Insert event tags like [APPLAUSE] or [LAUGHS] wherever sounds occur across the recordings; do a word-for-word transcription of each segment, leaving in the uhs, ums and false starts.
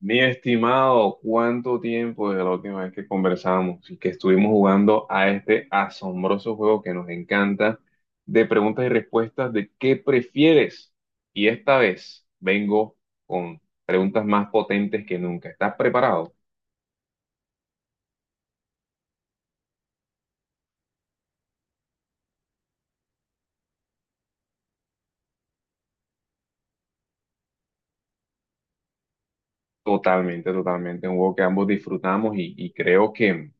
Mi estimado, ¿cuánto tiempo desde la última vez que conversamos y que estuvimos jugando a este asombroso juego que nos encanta de preguntas y respuestas de qué prefieres? Y esta vez vengo con preguntas más potentes que nunca. ¿Estás preparado? Totalmente, totalmente. Un juego que ambos disfrutamos y, y creo que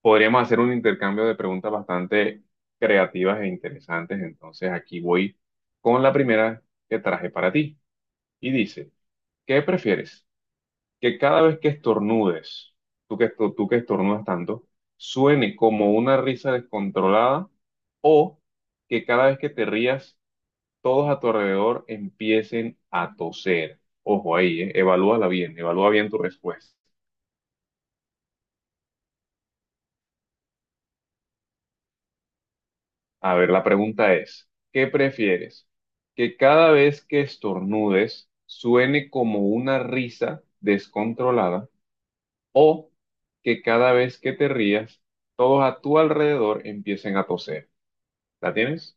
podríamos hacer un intercambio de preguntas bastante creativas e interesantes. Entonces aquí voy con la primera que traje para ti. Y dice... ¿Qué prefieres? Que cada vez que estornudes, tú que, estu- tú que estornudas tanto, suene como una risa descontrolada o que cada vez que te rías, todos a tu alrededor empiecen a toser. Ojo ahí, eh, evalúala bien, evalúa bien tu respuesta. A ver, la pregunta es, ¿qué prefieres? Que cada vez que estornudes suene como una risa descontrolada o que cada vez que te rías, todos a tu alrededor empiecen a toser. ¿La tienes?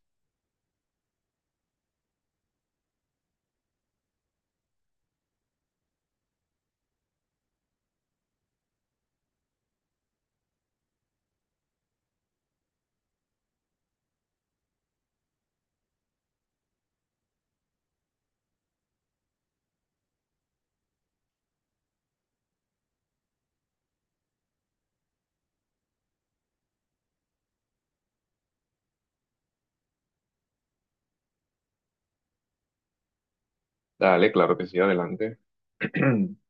Dale, claro que sí, adelante. [CLEARS THROAT]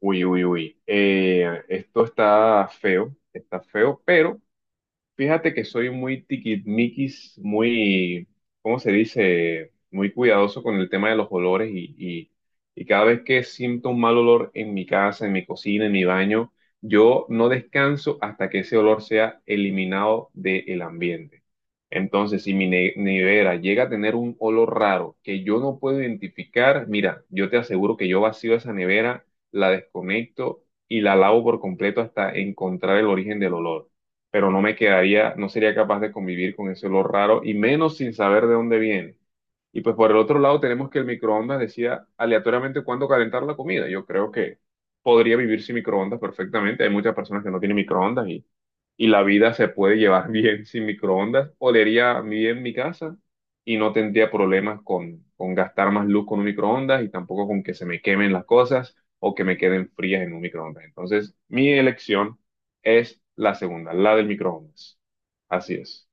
Uy, uy, uy. Eh, esto está feo, está feo, pero... Fíjate que soy muy tiquismiquis, muy, ¿cómo se dice? Muy cuidadoso con el tema de los olores y, y- y cada vez que siento un mal olor en mi casa, en mi cocina, en mi baño, yo no descanso hasta que ese olor sea eliminado del ambiente. Entonces, si mi ne- nevera llega a tener un olor raro que yo no puedo identificar, mira, yo te aseguro que yo vacío esa nevera, la desconecto y la lavo por completo hasta encontrar el origen del olor, pero no me quedaría, no sería capaz de convivir con ese olor raro y menos sin saber de dónde viene. Y pues por el otro lado tenemos que el microondas decía aleatoriamente cuándo calentar la comida. Yo creo que podría vivir sin microondas perfectamente. Hay muchas personas que no tienen microondas y la vida se puede llevar [LAUGHS] bien sin microondas. Olería bien mi casa y no tendría problemas con, con, gastar más luz con un microondas y tampoco con que se me quemen las cosas o que me queden frías en un microondas. Entonces, mi elección es la segunda, la del microondas. Así es,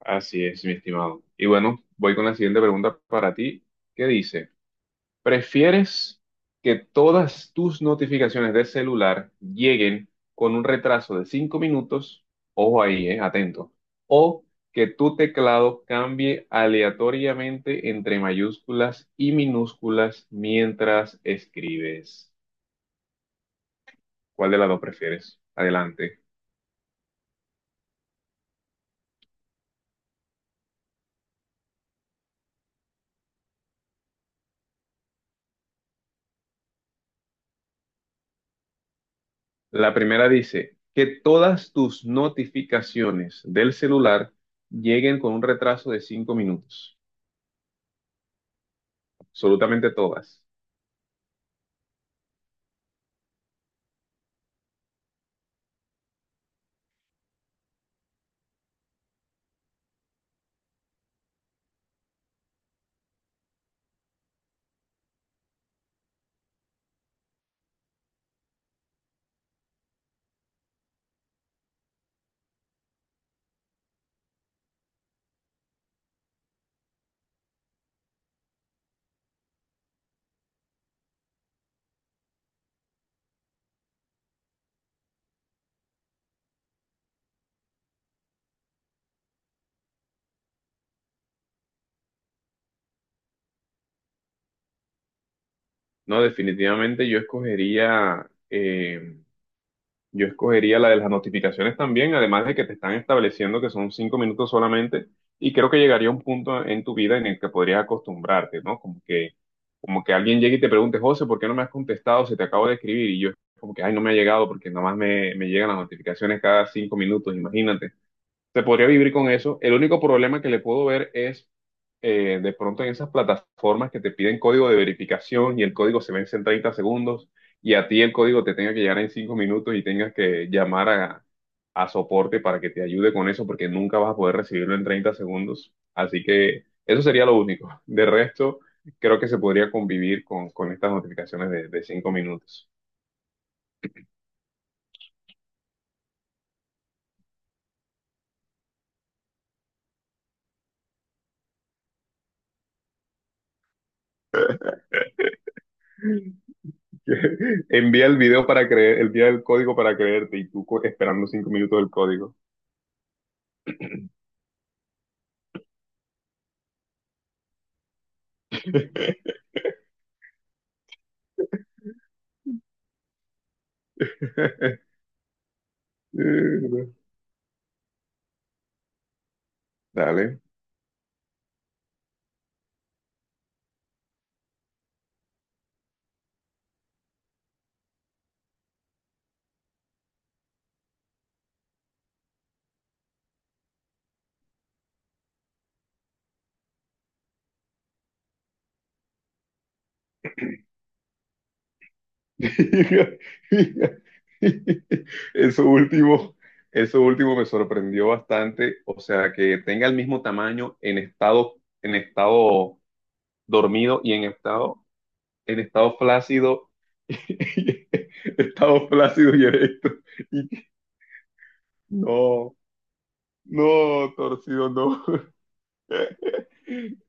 así es, mi estimado. Y bueno, voy con la siguiente pregunta para ti. ¿Qué dice? ¿Prefieres que todas tus notificaciones de celular lleguen con un retraso de cinco minutos? Ojo ahí, eh, atento. ¿O que tu teclado cambie aleatoriamente entre mayúsculas y minúsculas mientras escribes? ¿Cuál de las dos prefieres? Adelante. La primera dice que todas tus notificaciones del celular lleguen con un retraso de cinco minutos. Absolutamente todas. No, definitivamente yo escogería, eh, yo escogería la de las notificaciones también, además de que te están estableciendo que son cinco minutos solamente, y creo que llegaría un punto en tu vida en el que podrías acostumbrarte, ¿no? Como que, como que alguien llegue y te pregunte, José, ¿por qué no me has contestado? Se te acabo de escribir, y yo como que, ay, no me ha llegado porque nada más me, me llegan las notificaciones cada cinco minutos, imagínate. Se podría vivir con eso. El único problema que le puedo ver es eh, de pronto en esas plataformas que te piden código de verificación y el código se vence en treinta segundos y a ti el código te tenga que llegar en cinco minutos y tengas que llamar a, a, soporte para que te ayude con eso porque nunca vas a poder recibirlo en treinta segundos. Así que eso sería lo único. De resto, creo que se podría convivir con, con, estas notificaciones de, de cinco minutos. [LAUGHS] Envía el video para creer, envía el código para creerte y tú co- esperando cinco minutos el código. [LAUGHS] Dale. Eso último, eso último me sorprendió bastante. O sea, que tenga el mismo tamaño en estado, en estado dormido y en estado, en estado flácido, [LAUGHS] estado flácido y erecto. Y- no, no, torcido, no.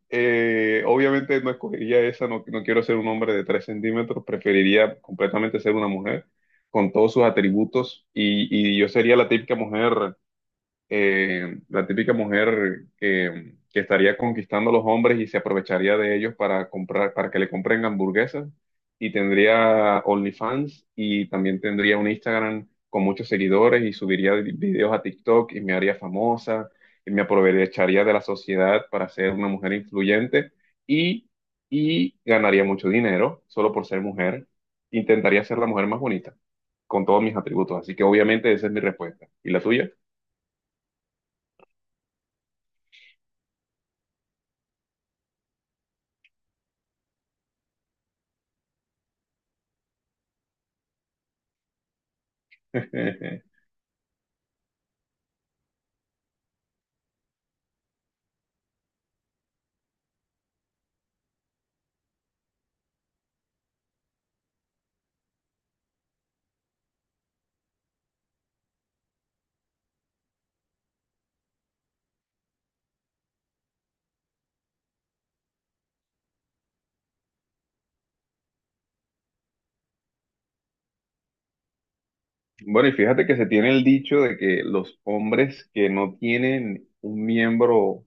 Eh, obviamente no escogería esa, no, no quiero ser un hombre de tres centímetros, preferiría completamente ser una mujer con todos sus atributos y, y yo sería la típica mujer eh, la típica mujer que, que estaría conquistando a los hombres y se aprovecharía de ellos para comprar, para que le compren hamburguesas y tendría OnlyFans y también tendría un Instagram con muchos seguidores y subiría vi- videos a TikTok y me haría famosa y me aprovecharía de la sociedad para ser una mujer influyente y, y ganaría mucho dinero solo por ser mujer. Intentaría ser la mujer más bonita con todos mis atributos. Así que obviamente esa es mi respuesta. ¿Y la tuya? [LAUGHS] Bueno, y fíjate que se tiene el dicho de que los hombres que no tienen un miembro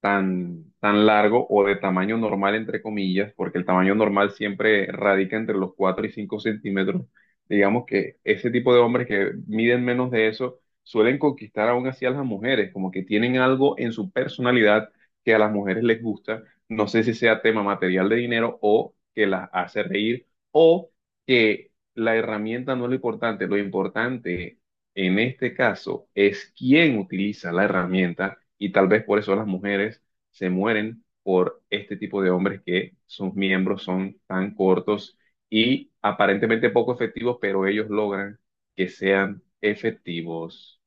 tan, tan largo o de tamaño normal, entre comillas, porque el tamaño normal siempre radica entre los cuatro y cinco centímetros, digamos que ese tipo de hombres que miden menos de eso suelen conquistar aún así a las mujeres, como que tienen algo en su personalidad que a las mujeres les gusta, no sé si sea tema material de dinero o que las hace reír o que la herramienta no es lo importante. Lo importante en este caso es quién utiliza la herramienta y tal vez por eso las mujeres se mueren por este tipo de hombres que sus miembros son tan cortos y aparentemente poco efectivos, pero ellos logran que sean efectivos.